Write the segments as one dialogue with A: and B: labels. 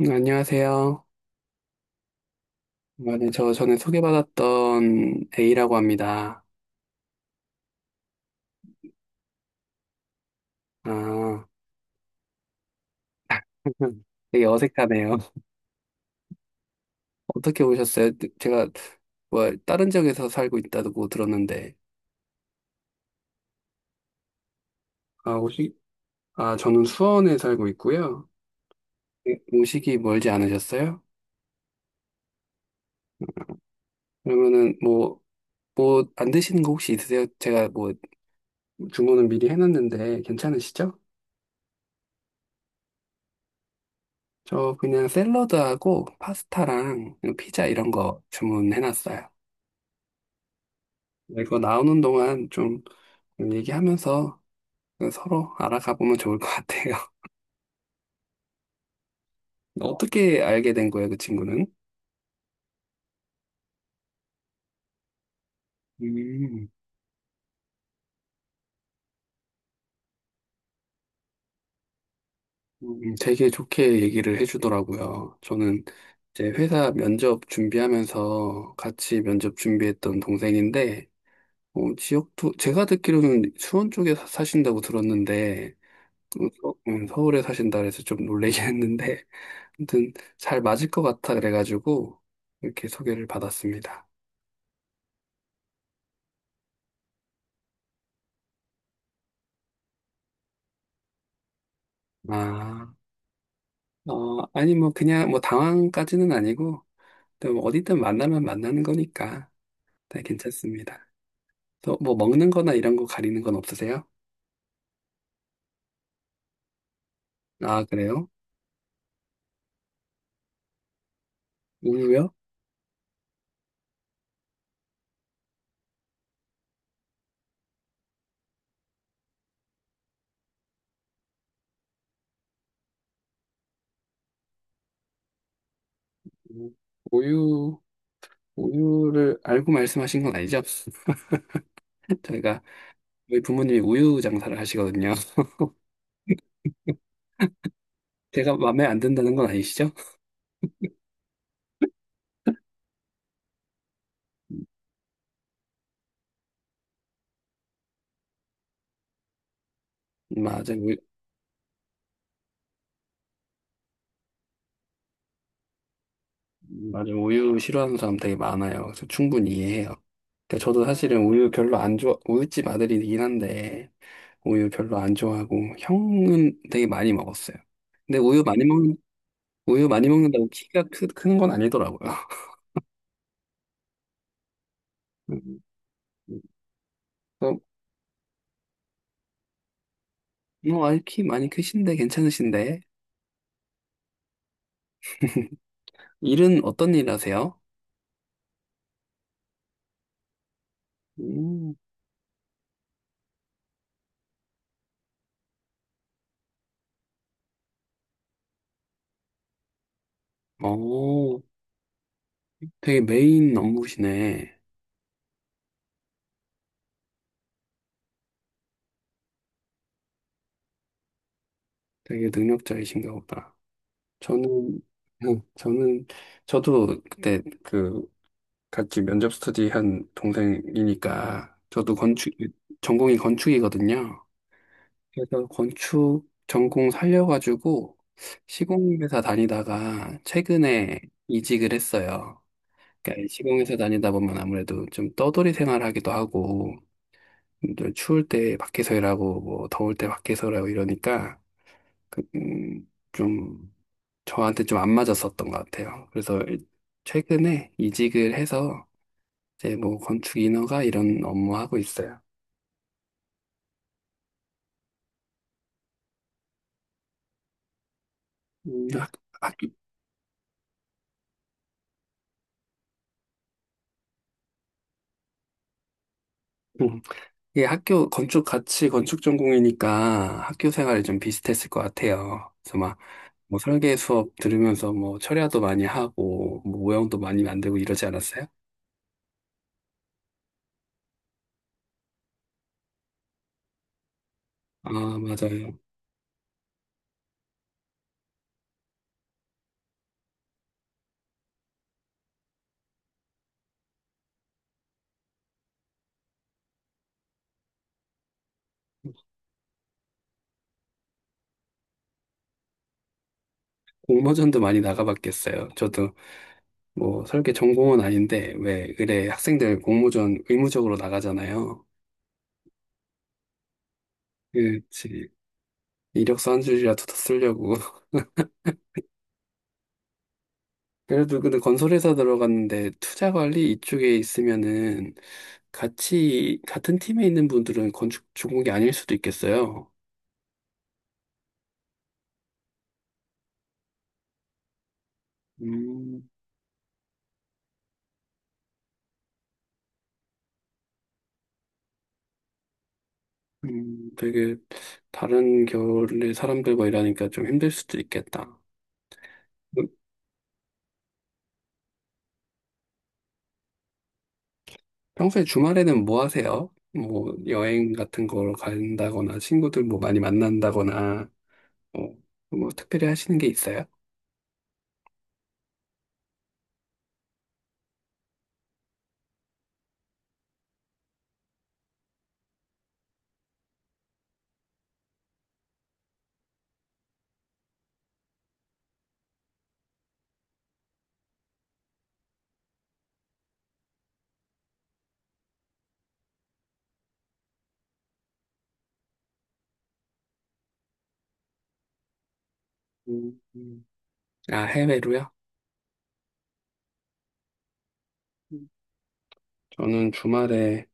A: 안녕하세요. 저 전에 소개받았던 A라고 합니다. 아, 되게 어색하네요. 어떻게 오셨어요? 네, 제가 다른 지역에서 살고 있다고 들었는데. 아, 오시, 아, 저는 수원에 살고 있고요. 네, 오시기 멀지 않으셨어요? 그러면은, 뭐 안 드시는 거 혹시 있으세요? 제가 뭐 주문은 미리 해놨는데 괜찮으시죠? 저 그냥 샐러드하고 파스타랑 피자 이런 거 주문해놨어요. 이거 나오는 동안 좀 얘기하면서 서로 알아가 보면 좋을 것 같아요. 어떻게 알게 된 거예요, 그 친구는? 음, 되게 좋게 얘기를 해주더라고요. 저는 이제 회사 면접 준비하면서 같이 면접 준비했던 동생인데, 지역도, 제가 듣기로는 수원 쪽에 사신다고 들었는데, 서울에 사신다 그래서 좀 놀라긴 했는데, 아무튼 잘 맞을 것 같아 그래가지고, 이렇게 소개를 받았습니다. 아. 아니, 뭐, 그냥, 당황까지는 아니고, 또 뭐 어디든 만나면 만나는 거니까, 다 괜찮습니다. 또, 뭐, 먹는 거나 이런 거 가리는 건 없으세요? 아, 그래요? 우유요? 음, 우유, 우유를 알고 말씀하신 건 아니죠? 저희가, 저희 부모님이 우유 장사를 하시거든요. 제가 마음에 안 든다는 건 아니시죠? 맞아요. 우유, 맞아요. 우유 싫어하는 사람 되게 많아요. 그래서 충분히 이해해요. 그러니까 저도 사실은 우유 별로 안 좋아, 우유집 아들이긴 한데, 우유 별로 안 좋아하고 형은 되게 많이 먹었어요. 근데 우유 많이 먹는 우유 많이 먹는다고 키가 크는 건 아니더라고요. 음, 음. 그래서 뭐 아니 키 많이 크신데 괜찮으신데 일은 어떤 일 하세요? 음, 어, 되게 메인 업무시네. 되게 능력자이신가 보다. 저는 저는 저도 그때 같이 면접 스터디 한 동생이니까 저도 건축 전공이 건축이거든요. 그래서 건축 전공 살려가지고 시공회사 다니다가 최근에 이직을 했어요. 그러니까 시공회사 다니다 보면 아무래도 좀 떠돌이 생활하기도 하고 또 추울 때 밖에서 일하고 뭐 더울 때 밖에서 일하고 이러니까 좀 저한테 좀 안 맞았었던 것 같아요. 최근에 이직을 해서 이제 뭐 건축 인허가 이런 업무 하고 있어요. 음, 학, 학, 음. 예, 학교 건축 같이 건축 전공이니까 학교 생활이 좀 비슷했을 것 같아요. 그래서 막 뭐 설계 수업 들으면서 뭐 철야도 많이 하고 뭐 모형도 많이 만들고 이러지 않았어요? 아, 맞아요. 공모전도 많이 나가봤겠어요. 저도 뭐 설계 전공은 아닌데 왜 의뢰 학생들 공모전 의무적으로 나가잖아요. 그렇지. 이력서 한 줄이라도 더 쓰려고 그래도 근데 건설회사 들어갔는데 투자 관리 이쪽에 있으면은 같이 같은 팀에 있는 분들은 건축 전공이 아닐 수도 있겠어요. 음, 되게 다른 결의 사람들과 일하니까 좀 힘들 수도 있겠다. 그 평소에 주말에는 뭐 하세요? 뭐 여행 같은 걸 간다거나 친구들 뭐 많이 만난다거나 뭐, 뭐 특별히 하시는 게 있어요? 음, 음. 아, 해외로요? 저는 주말에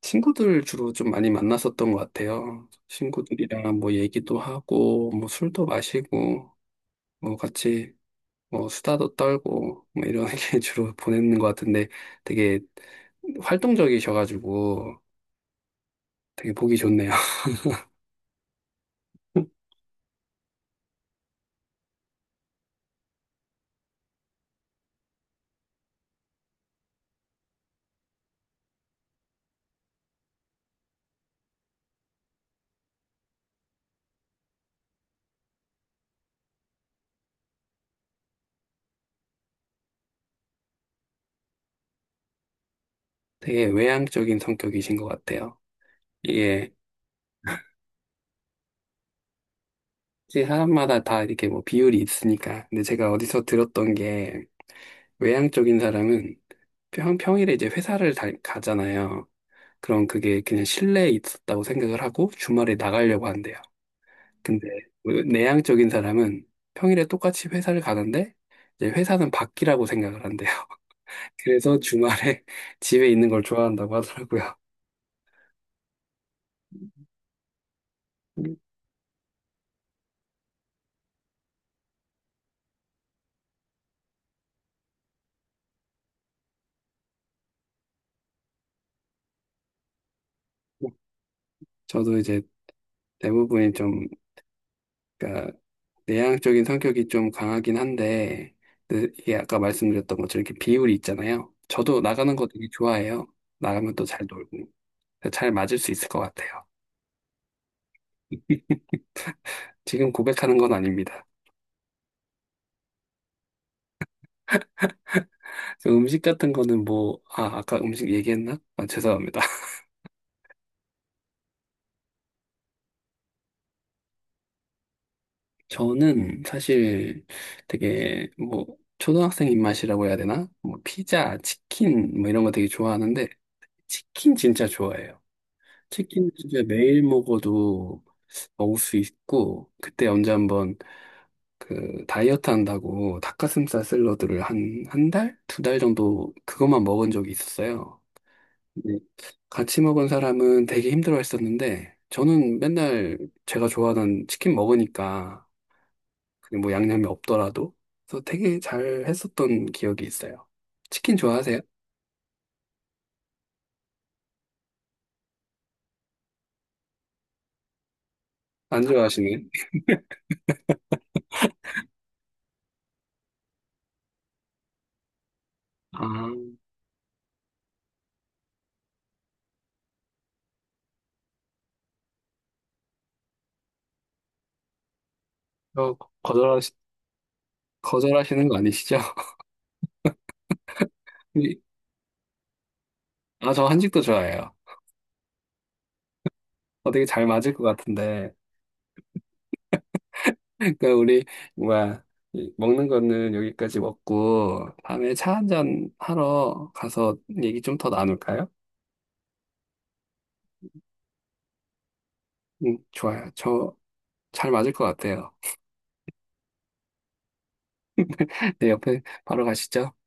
A: 친구들 주로 좀 많이 만났었던 것 같아요. 친구들이랑 뭐 얘기도 하고, 뭐 술도 마시고, 뭐 같이 뭐 수다도 떨고, 뭐 이런 게 주로 보내는 것 같은데 되게 활동적이셔가지고 되게 보기 좋네요. 되게 외향적인 성격이신 것 같아요. 이게 이제 사람마다 다 이렇게 뭐 비율이 있으니까. 근데 제가 어디서 들었던 게 외향적인 사람은 평일에 이제 회사를 가잖아요. 그럼 그게 그냥 실내에 있었다고 생각을 하고 주말에 나가려고 한대요. 근데 그 내향적인 사람은 평일에 똑같이 회사를 가는데 이제 회사는 밖이라고 생각을 한대요. 그래서 주말에 집에 있는 걸 좋아한다고 하더라고요. 음. 저도 이제 대부분이 좀, 그러니까 내향적인 성격이 좀 강하긴 한데, 근데 이게 아까 말씀드렸던 것처럼 이렇게 비율이 있잖아요. 저도 나가는 거 되게 좋아해요. 나가면 또 잘 놀고, 잘 맞을 수 있을 것 같아요. 지금 고백하는 건 아닙니다. 저 음식 같은 거는 뭐, 아, 아까 음식 얘기했나? 아, 죄송합니다. 저는 사실 되게 뭐, 초등학생 입맛이라고 해야 되나? 뭐, 피자, 치킨, 뭐 이런 거 되게 좋아하는데, 치킨 진짜 좋아해요. 치킨 진짜 매일 먹어도 먹을 수 있고, 그때 언제 한번 그 다이어트 한다고 닭가슴살 샐러드를 1달? 2달 정도 그것만 먹은 적이 있었어요. 네. 같이 먹은 사람은 되게 힘들어 했었는데, 저는 맨날 제가 좋아하던 치킨 먹으니까, 그게 뭐 양념이 없더라도, 그래서 되게 잘 했었던 기억이 있어요. 치킨 좋아하세요? 안 좋아하시는 아, 저 거절하시, 거절하시는 거 아니시죠? 우리- 아, 저 한식도 좋아해요. 어, 되게 잘 맞을 것 같은데. 그러니까 우리, 뭐야, 이 먹는 거는 여기까지 먹고, 다음에 차 한잔 하러 가서 얘기 좀 더 나눌까요? 좋아요. 저 잘 맞을 것 같아요. 네, 옆에 바로 가시죠.